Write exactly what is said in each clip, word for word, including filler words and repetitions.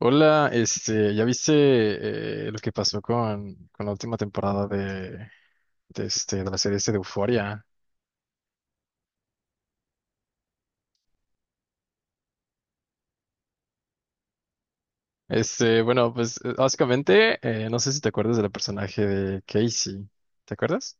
Hola, este, ¿ya viste eh, lo que pasó con, con la última temporada de, de, este, de la serie este de Euphoria? Este, bueno, pues eh, básicamente, eh, no sé si te acuerdas del personaje de Casey, ¿te acuerdas?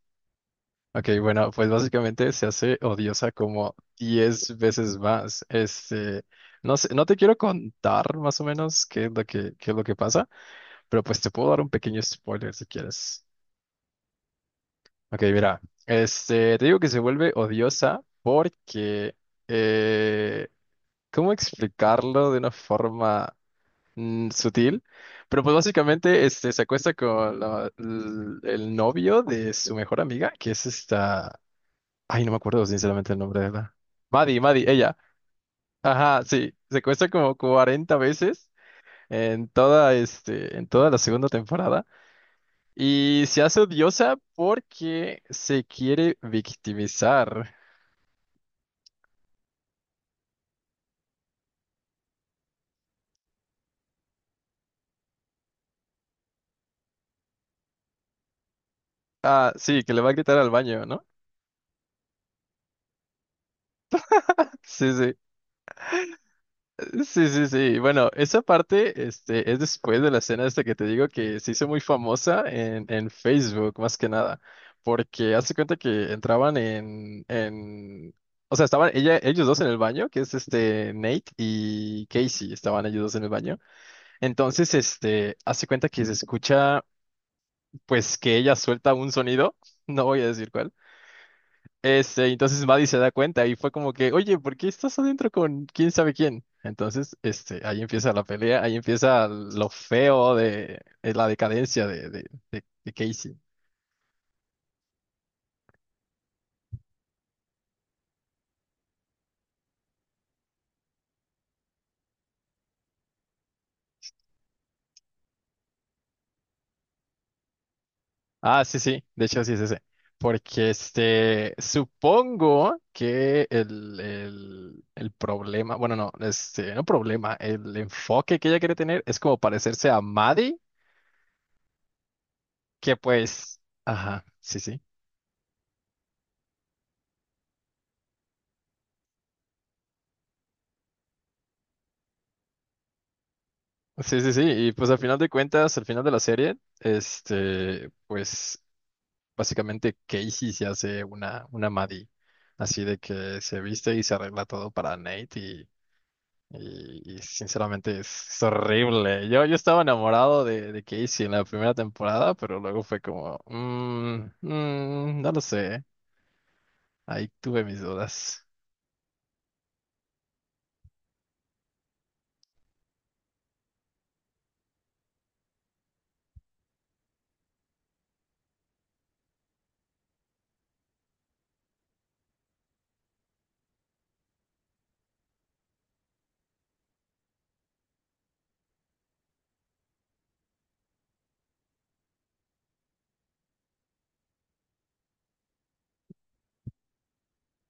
Ok, bueno, pues básicamente se hace odiosa como diez veces más. Este, no sé, no te quiero contar más o menos qué es lo que, qué es lo que pasa, pero pues te puedo dar un pequeño spoiler si quieres. Ok, mira, este, te digo que se vuelve odiosa porque, eh, ¿cómo explicarlo de una forma mm, sutil? Pero pues básicamente, este, se acuesta con la- l- el novio de su mejor amiga, que es esta, ay, no me acuerdo sinceramente el nombre de la, Maddie, Maddie, ella, ajá, sí, se acuesta como cuarenta veces en toda, este, en toda la segunda temporada. Y se hace odiosa porque se quiere victimizar. Ah, sí, que le va a gritar al baño, ¿no? Sí, sí. Sí, sí, sí. Bueno, esa parte, este, es después de la escena esta que te digo que se hizo muy famosa en, en Facebook, más que nada. Porque hace cuenta que entraban en, en, o sea, estaban ella, ellos dos en el baño, que es este Nate y Casey, estaban ellos dos en el baño. Entonces, este, hace cuenta que se escucha, pues, que ella suelta un sonido, no voy a decir cuál. Este, entonces Maddie se da cuenta y fue como que, oye, ¿por qué estás adentro con quién sabe quién? Entonces, este, ahí empieza la pelea, ahí empieza lo feo de, de la decadencia de, de, de- de Casey. Ah, sí, sí, de hecho sí es ese. Porque este, supongo que el, el, el problema, bueno, no, este, no problema, el enfoque que ella quiere tener es como parecerse a Maddie, que pues, ajá, sí, sí. Sí, sí, sí. Y pues al final de cuentas, al final de la serie, este, pues básicamente Casey se hace una, una Maddie. Así de que se viste y se arregla todo para Nate y, y, y sinceramente es, es horrible. Yo, yo estaba enamorado de, de Casey en la primera temporada, pero luego fue como, "Mm, mm, no lo sé. Ahí tuve mis dudas.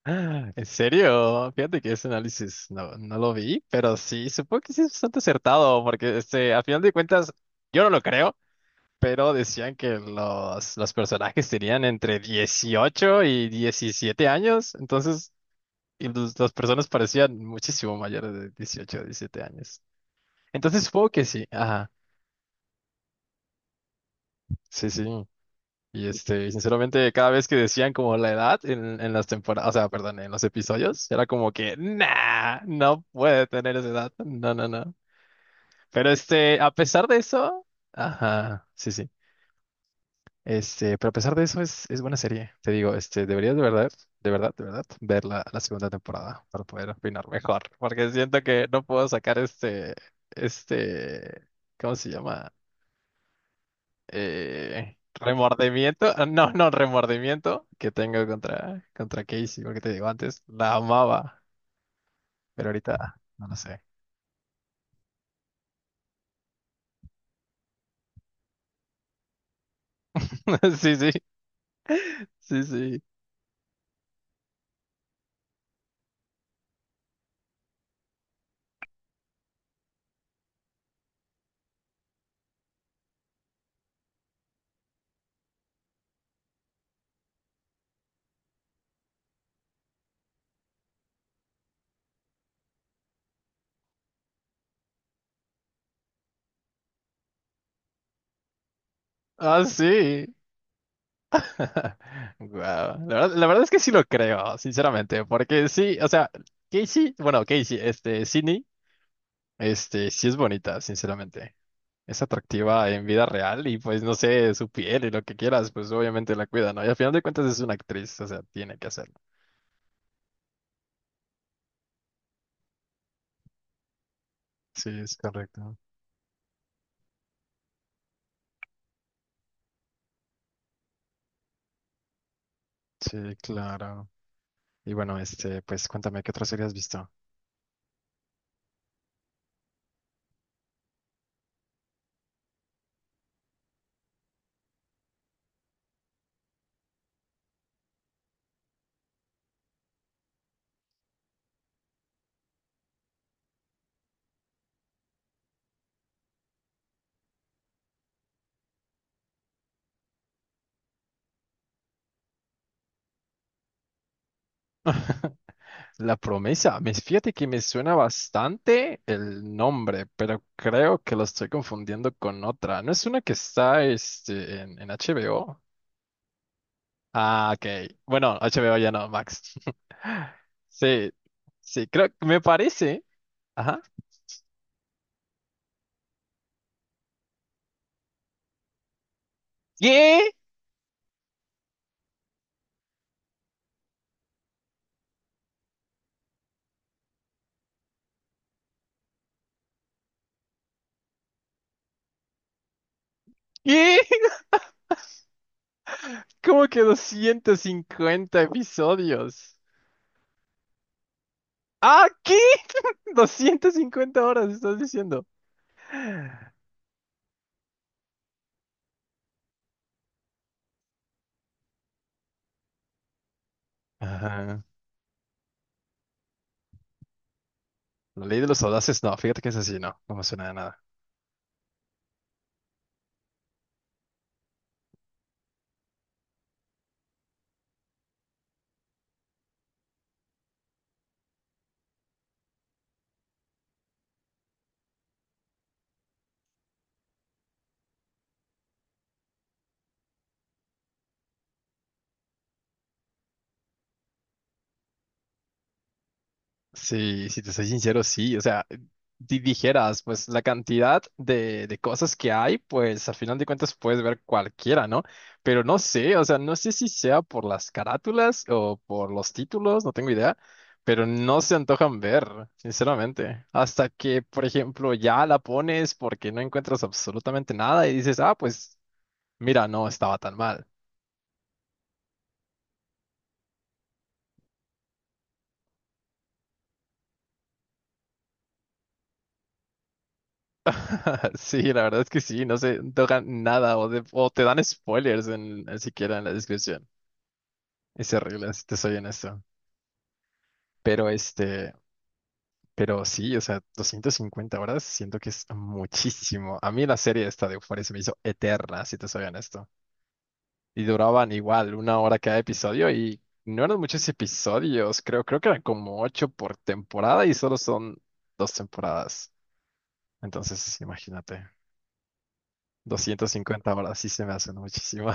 Ah, ¿en serio? Fíjate que ese análisis no, no lo vi, pero sí, supongo que sí es bastante acertado, porque este, a final de cuentas, yo no lo creo, pero decían que los, los personajes tenían entre dieciocho y diecisiete años. Entonces y los- las personas parecían muchísimo mayores de dieciocho o diecisiete años. Entonces supongo que sí, ajá, sí, sí. Y este, y sinceramente, cada vez que decían como la edad en, en las temporadas, o sea, perdón, en los episodios, era como que, nah, no puede tener esa edad. No, no, no. Pero este, a pesar de eso, ajá, sí, sí. Este, pero a pesar de eso es, es buena serie. Te digo, este, deberías de verdad, de verdad, de verdad, ver la, la segunda temporada para poder opinar mejor. Porque siento que no puedo sacar este, este, ¿cómo se llama? eh, remordimiento, ah, no, no, remordimiento que tengo contra, contra Casey, porque te digo antes, la amaba, pero ahorita no lo sé. Sí, sí, sí, sí. Ah, sí. Guau, la verdad, la verdad es que sí lo creo, sinceramente, porque sí, o sea, Casey, bueno, Casey, este, Sydney, este, sí es bonita, sinceramente. Es atractiva en vida real y pues no sé, su piel y lo que quieras, pues obviamente la cuida, ¿no? Y al final de cuentas es una actriz, o sea, tiene que hacerlo. Sí, es correcto. Sí, claro. Y bueno, este, pues cuéntame qué otra serie has visto. La Promesa. Me fíjate que me suena bastante el nombre, pero creo que lo estoy confundiendo con otra. ¿No es una que está este en, en H B O? Ah, ok. Bueno, H B O ya no, Max. Sí, sí, creo que me parece. Ajá. ¿Qué? ¿Qué? ¿Cómo que doscientos cincuenta episodios? ¡Ah, qué! Doscientas cincuenta horas, estás diciendo. Ajá. La Ley de los Audaces, no, fíjate que es así, no, no me suena de nada. Sí, si te soy sincero, sí. O sea, di- dijeras, pues la cantidad de, de cosas que hay, pues al final de cuentas puedes ver cualquiera, ¿no? Pero no sé, o sea, no sé si sea por las carátulas o por los títulos, no tengo idea, pero no se antojan ver, sinceramente. Hasta que, por ejemplo, ya la pones porque no encuentras absolutamente nada y dices, ah, pues mira, no estaba tan mal. Sí, la verdad es que sí, no se tocan nada o, de- o te dan spoilers en, en siquiera en la descripción. Es horrible, si te soy honesto. Pero este, pero sí, o sea, doscientas cincuenta horas siento que es muchísimo. A mí la serie esta de Euphoria se me hizo eterna, si te soy honesto. Y duraban igual una hora cada episodio y no eran muchos episodios, creo, creo que eran como ocho por temporada y solo son dos temporadas. Entonces, imagínate, doscientas cincuenta horas sí se me hacen muchísimo.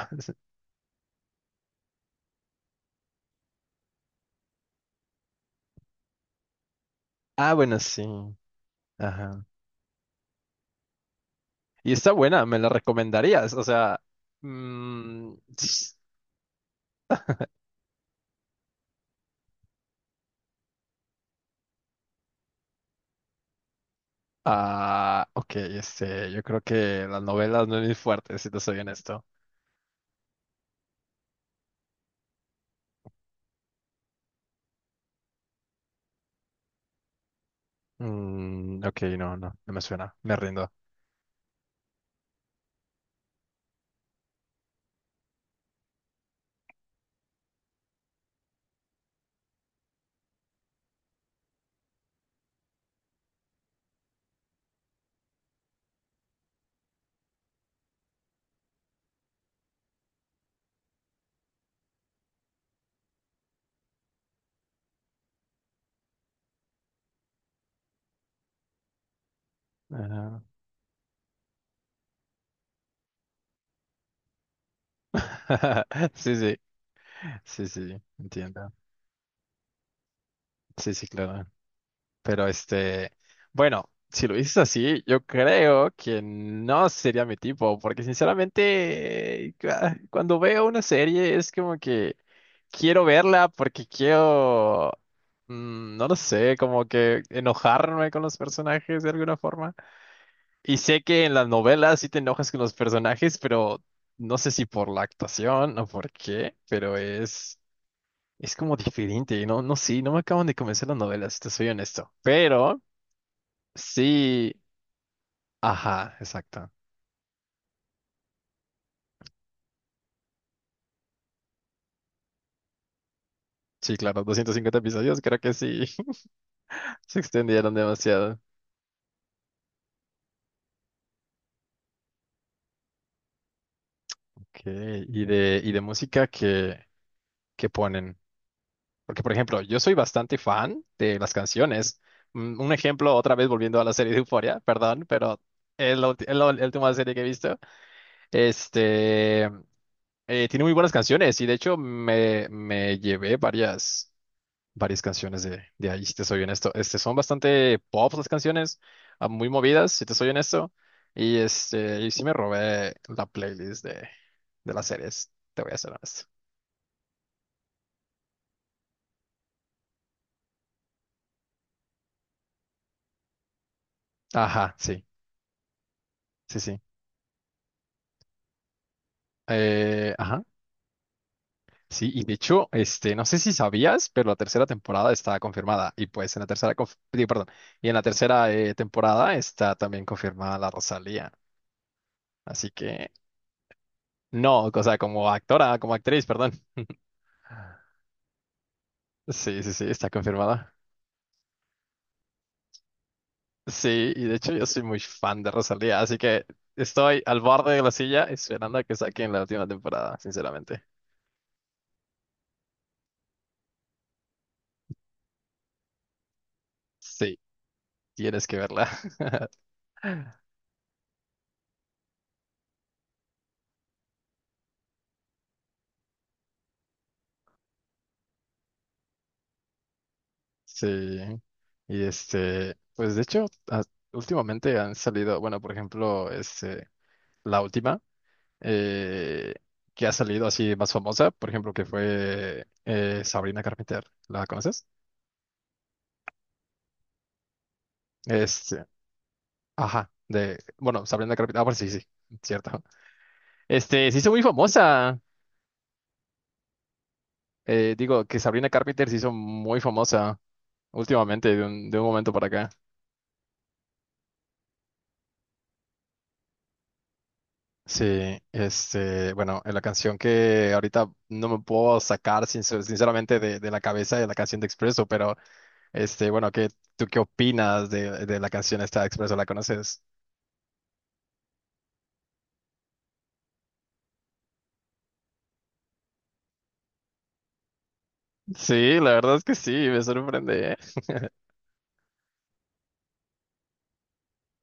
Ah, bueno, sí. Ajá. Y está buena, me la recomendarías. O sea, mm, s- ah, ok, este, yo creo que las novelas no es mi fuerte, si te soy honesto. Mm, ok, no, no, no me suena, me rindo. Ajá. Sí, sí, sí, sí, entiendo. Sí, sí, claro. Pero este, bueno, si lo dices así, yo creo que no sería mi tipo, porque sinceramente, ah, cuando veo una serie es como que quiero verla porque quiero, mm, no lo sé, como que enojarme con los personajes de alguna forma. Y sé que en las novelas sí te enojas con los personajes, pero no sé si por la actuación o por qué, pero es... Es como diferente, no, no, sí, no me acaban de convencer las novelas, si te soy honesto. Pero sí, ajá, exacto. Sí, claro, doscientos cincuenta episodios, creo que sí, se extendieron demasiado. Ok, y de, y de música que, que ponen. Porque, por ejemplo, yo soy bastante fan de las canciones. Mm, Un ejemplo, otra vez volviendo a la serie de Euphoria, perdón, pero es la, ulti- es la, la última serie que he visto. Este, eh, Tiene muy buenas canciones y de hecho me, me llevé varias. Varias canciones de, de ahí, si te soy honesto. Este, son bastante pop las canciones, ah, muy movidas, si te soy honesto. Y este, y sí me robé la playlist de, de las series, te voy a ser honesto. Ajá, sí, sí, sí. Eh, ajá. Sí, y de hecho, este, no sé si sabías, pero la tercera temporada está confirmada. Y pues en la tercera, conf- digo, perdón, y en la tercera eh, temporada está también confirmada la Rosalía. Así que, no, o sea, como actora, como actriz, perdón. Sí, sí, sí, está confirmada. Sí, y de hecho yo soy muy fan de Rosalía, así que estoy al borde de la silla esperando a que saquen la última temporada, sinceramente. Sí, tienes que verla. Sí. Y este, pues de hecho, a- últimamente han salido, bueno, por ejemplo, este, la última eh, que ha salido así más famosa, por ejemplo, que fue eh, Sabrina Carpenter. ¿La conoces? Este, ajá, de, bueno, Sabrina Carpenter. Ah, pues sí, sí, cierto. Este, se hizo muy famosa. Eh, digo que Sabrina Carpenter se hizo muy famosa últimamente, de un, de un momento para acá. Sí, este, bueno, en la canción que ahorita no me puedo sacar sincer- sinceramente de, de la cabeza de la canción de Expreso, pero este, bueno, ¿qué, tú qué opinas de, de la canción esta de Expreso? ¿La conoces? Sí, la verdad es que sí, me sorprende.